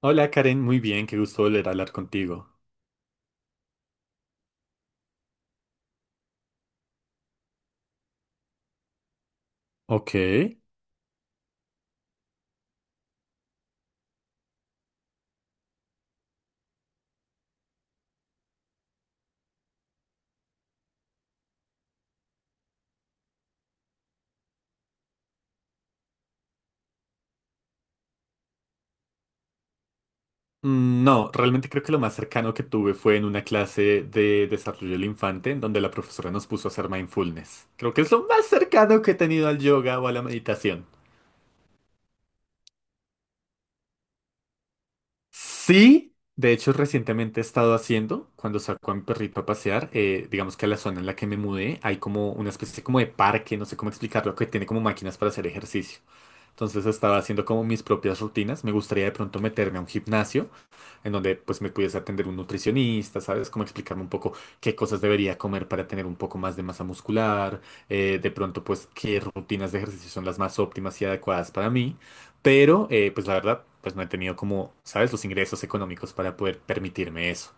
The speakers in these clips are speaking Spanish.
Hola Karen, muy bien, qué gusto volver a hablar contigo. Ok. Mm, no, realmente creo que lo más cercano que tuve fue en una clase de desarrollo del infante, en donde la profesora nos puso a hacer mindfulness. Creo que es lo más cercano que he tenido al yoga o a la meditación. Sí, de hecho recientemente he estado haciendo, cuando saco a mi perrito a pasear, digamos que a la zona en la que me mudé, hay como una especie como de parque, no sé cómo explicarlo, que tiene como máquinas para hacer ejercicio. Entonces estaba haciendo como mis propias rutinas, me gustaría de pronto meterme a un gimnasio en donde pues me pudiese atender un nutricionista, ¿sabes? Como explicarme un poco qué cosas debería comer para tener un poco más de masa muscular, de pronto pues qué rutinas de ejercicio son las más óptimas y adecuadas para mí, pero pues la verdad pues no he tenido como, ¿sabes? Los ingresos económicos para poder permitirme eso.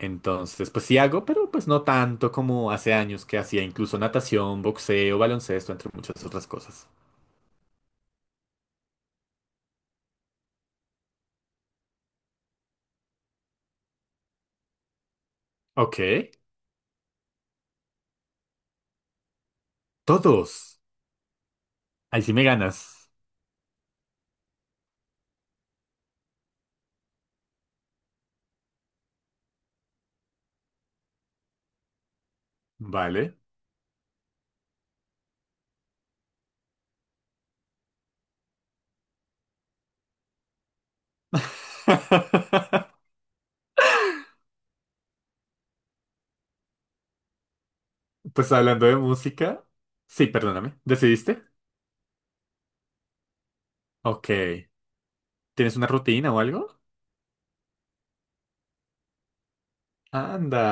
Entonces, pues sí hago, pero pues no tanto como hace años que hacía incluso natación, boxeo, baloncesto, entre muchas otras cosas. Ok, todos. Ahí sí me ganas. Vale. Pues hablando de música. Sí, perdóname. ¿Decidiste? Ok. ¿Tienes una rutina o algo? Anda.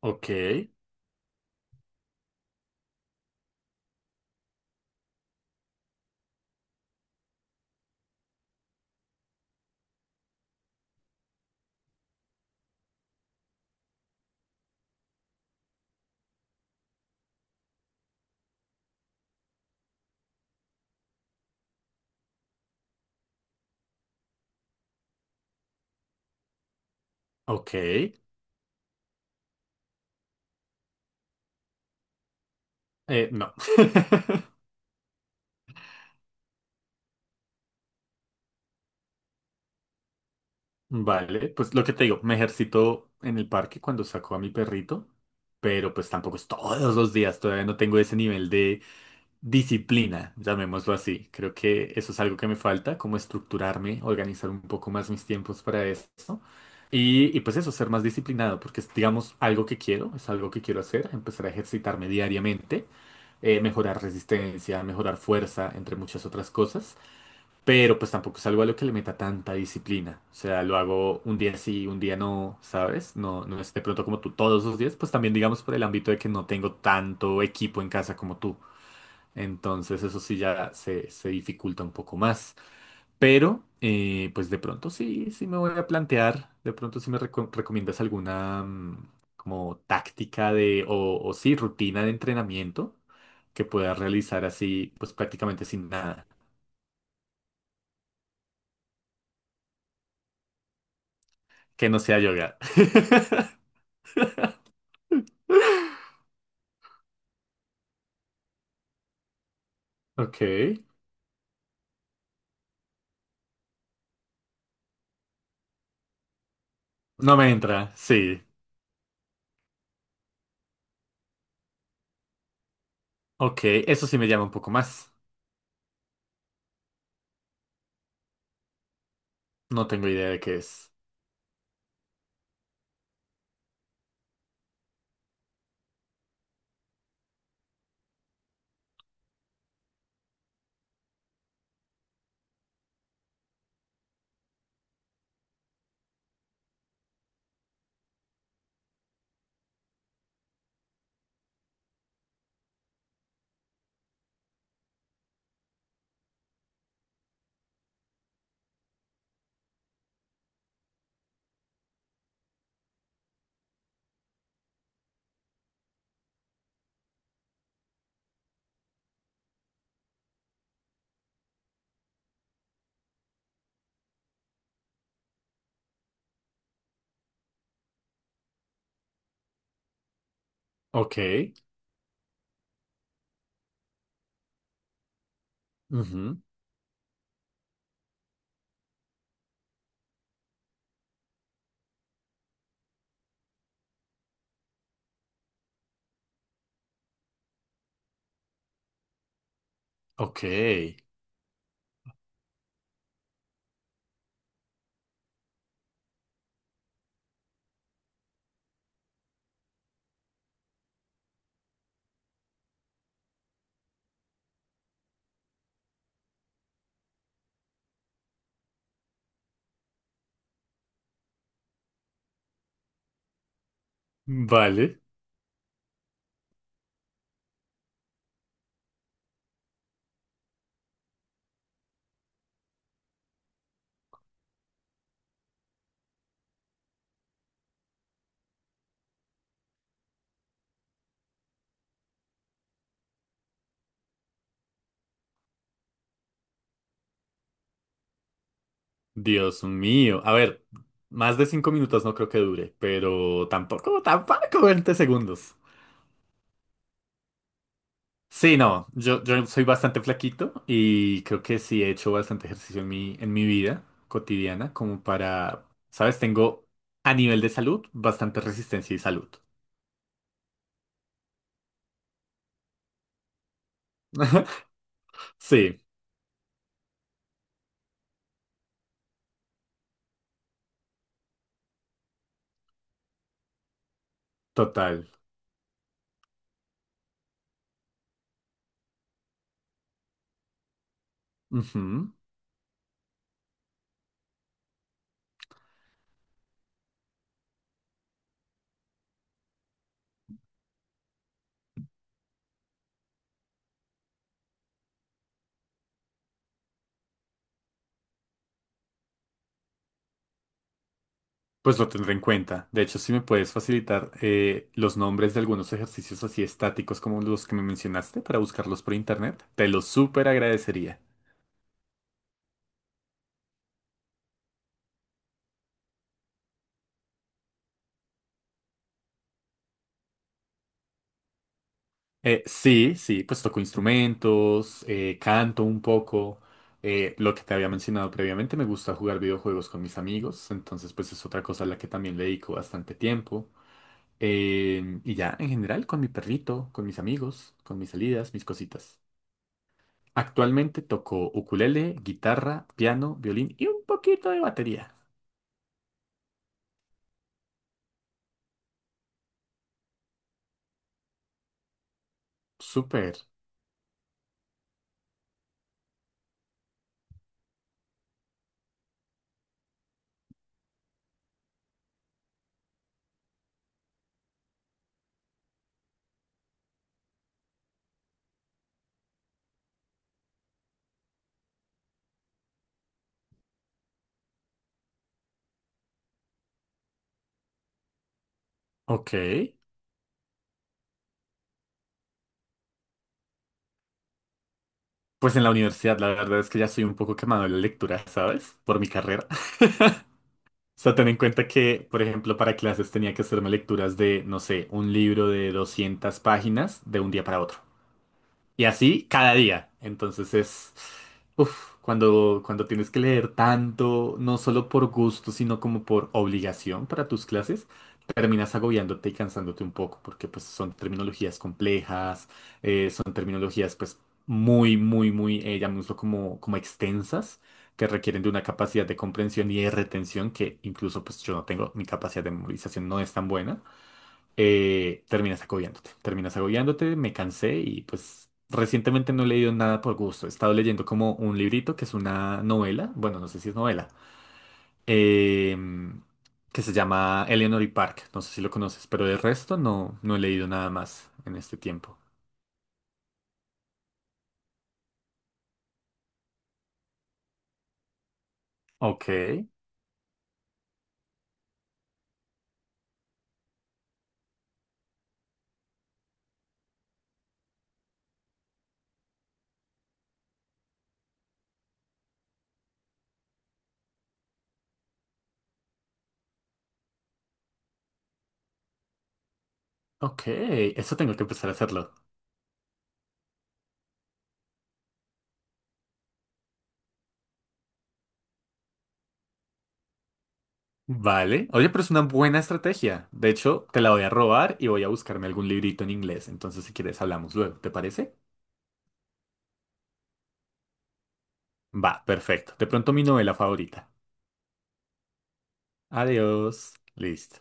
Ok. Ok. No. Vale, pues lo que te digo, me ejercito en el parque cuando saco a mi perrito, pero pues tampoco es todos los días, todavía no tengo ese nivel de disciplina, llamémoslo así. Creo que eso es algo que me falta, como estructurarme, organizar un poco más mis tiempos para eso. Y pues eso, ser más disciplinado, porque es, digamos, algo que quiero, es algo que quiero hacer, empezar a ejercitarme diariamente, mejorar resistencia, mejorar fuerza, entre muchas otras cosas, pero pues tampoco es algo a lo que le meta tanta disciplina, o sea, lo hago un día sí, un día no, ¿sabes? No, no es de pronto como tú todos los días, pues también digamos por el ámbito de que no tengo tanto equipo en casa como tú. Entonces eso sí ya se dificulta un poco más. Pero pues de pronto sí me voy a plantear, de pronto sí me recomiendas alguna como táctica de o sí, rutina de entrenamiento que puedas realizar así pues prácticamente sin nada, que no sea yoga. Ok, no me entra, sí. Ok, eso sí me llama un poco más. No tengo idea de qué es. Ok, ujú, ok, vale. Dios mío. A ver, más de 5 minutos no creo que dure, pero tampoco, tampoco 20 segundos. Sí, no, yo soy bastante flaquito y creo que sí he hecho bastante ejercicio en en mi vida cotidiana, como para, ¿sabes? Tengo a nivel de salud bastante resistencia y salud. Sí, total. Ujú. Pues lo tendré en cuenta. De hecho, si me puedes facilitar los nombres de algunos ejercicios así estáticos como los que me mencionaste para buscarlos por internet, te los súper agradecería. Sí, sí, pues toco instrumentos, canto un poco. Lo que te había mencionado previamente, me gusta jugar videojuegos con mis amigos, entonces pues es otra cosa a la que también le dedico bastante tiempo. Y ya, en general, con mi perrito, con mis amigos, con mis salidas, mis cositas. Actualmente toco ukulele, guitarra, piano, violín y un poquito de batería. Súper. Ok. Pues en la universidad la verdad es que ya soy un poco quemado de la lectura, ¿sabes? Por mi carrera. O sea, ten en cuenta que, por ejemplo, para clases tenía que hacerme lecturas de, no sé, un libro de 200 páginas de un día para otro. Y así cada día. Entonces es, uf, cuando tienes que leer tanto, no solo por gusto, sino como por obligación para tus clases, terminas agobiándote y cansándote un poco, porque pues son terminologías complejas, son terminologías pues muy, llamémoslo como, como extensas, que requieren de una capacidad de comprensión y de retención que incluso pues yo no tengo, mi capacidad de memorización no es tan buena terminas agobiándote. Terminas agobiándote, me cansé y pues recientemente no he leído nada por gusto. He estado leyendo como un librito que es una novela, bueno, no sé si es novela, em, que se llama Eleanor y Park. No sé si lo conoces, pero de resto no, no he leído nada más en este tiempo. Ok, ok, eso tengo que empezar a hacerlo. Vale. Oye, pero es una buena estrategia. De hecho, te la voy a robar y voy a buscarme algún librito en inglés. Entonces, si quieres, hablamos luego. ¿Te parece? Va, perfecto. De pronto mi novela favorita. Adiós. Listo.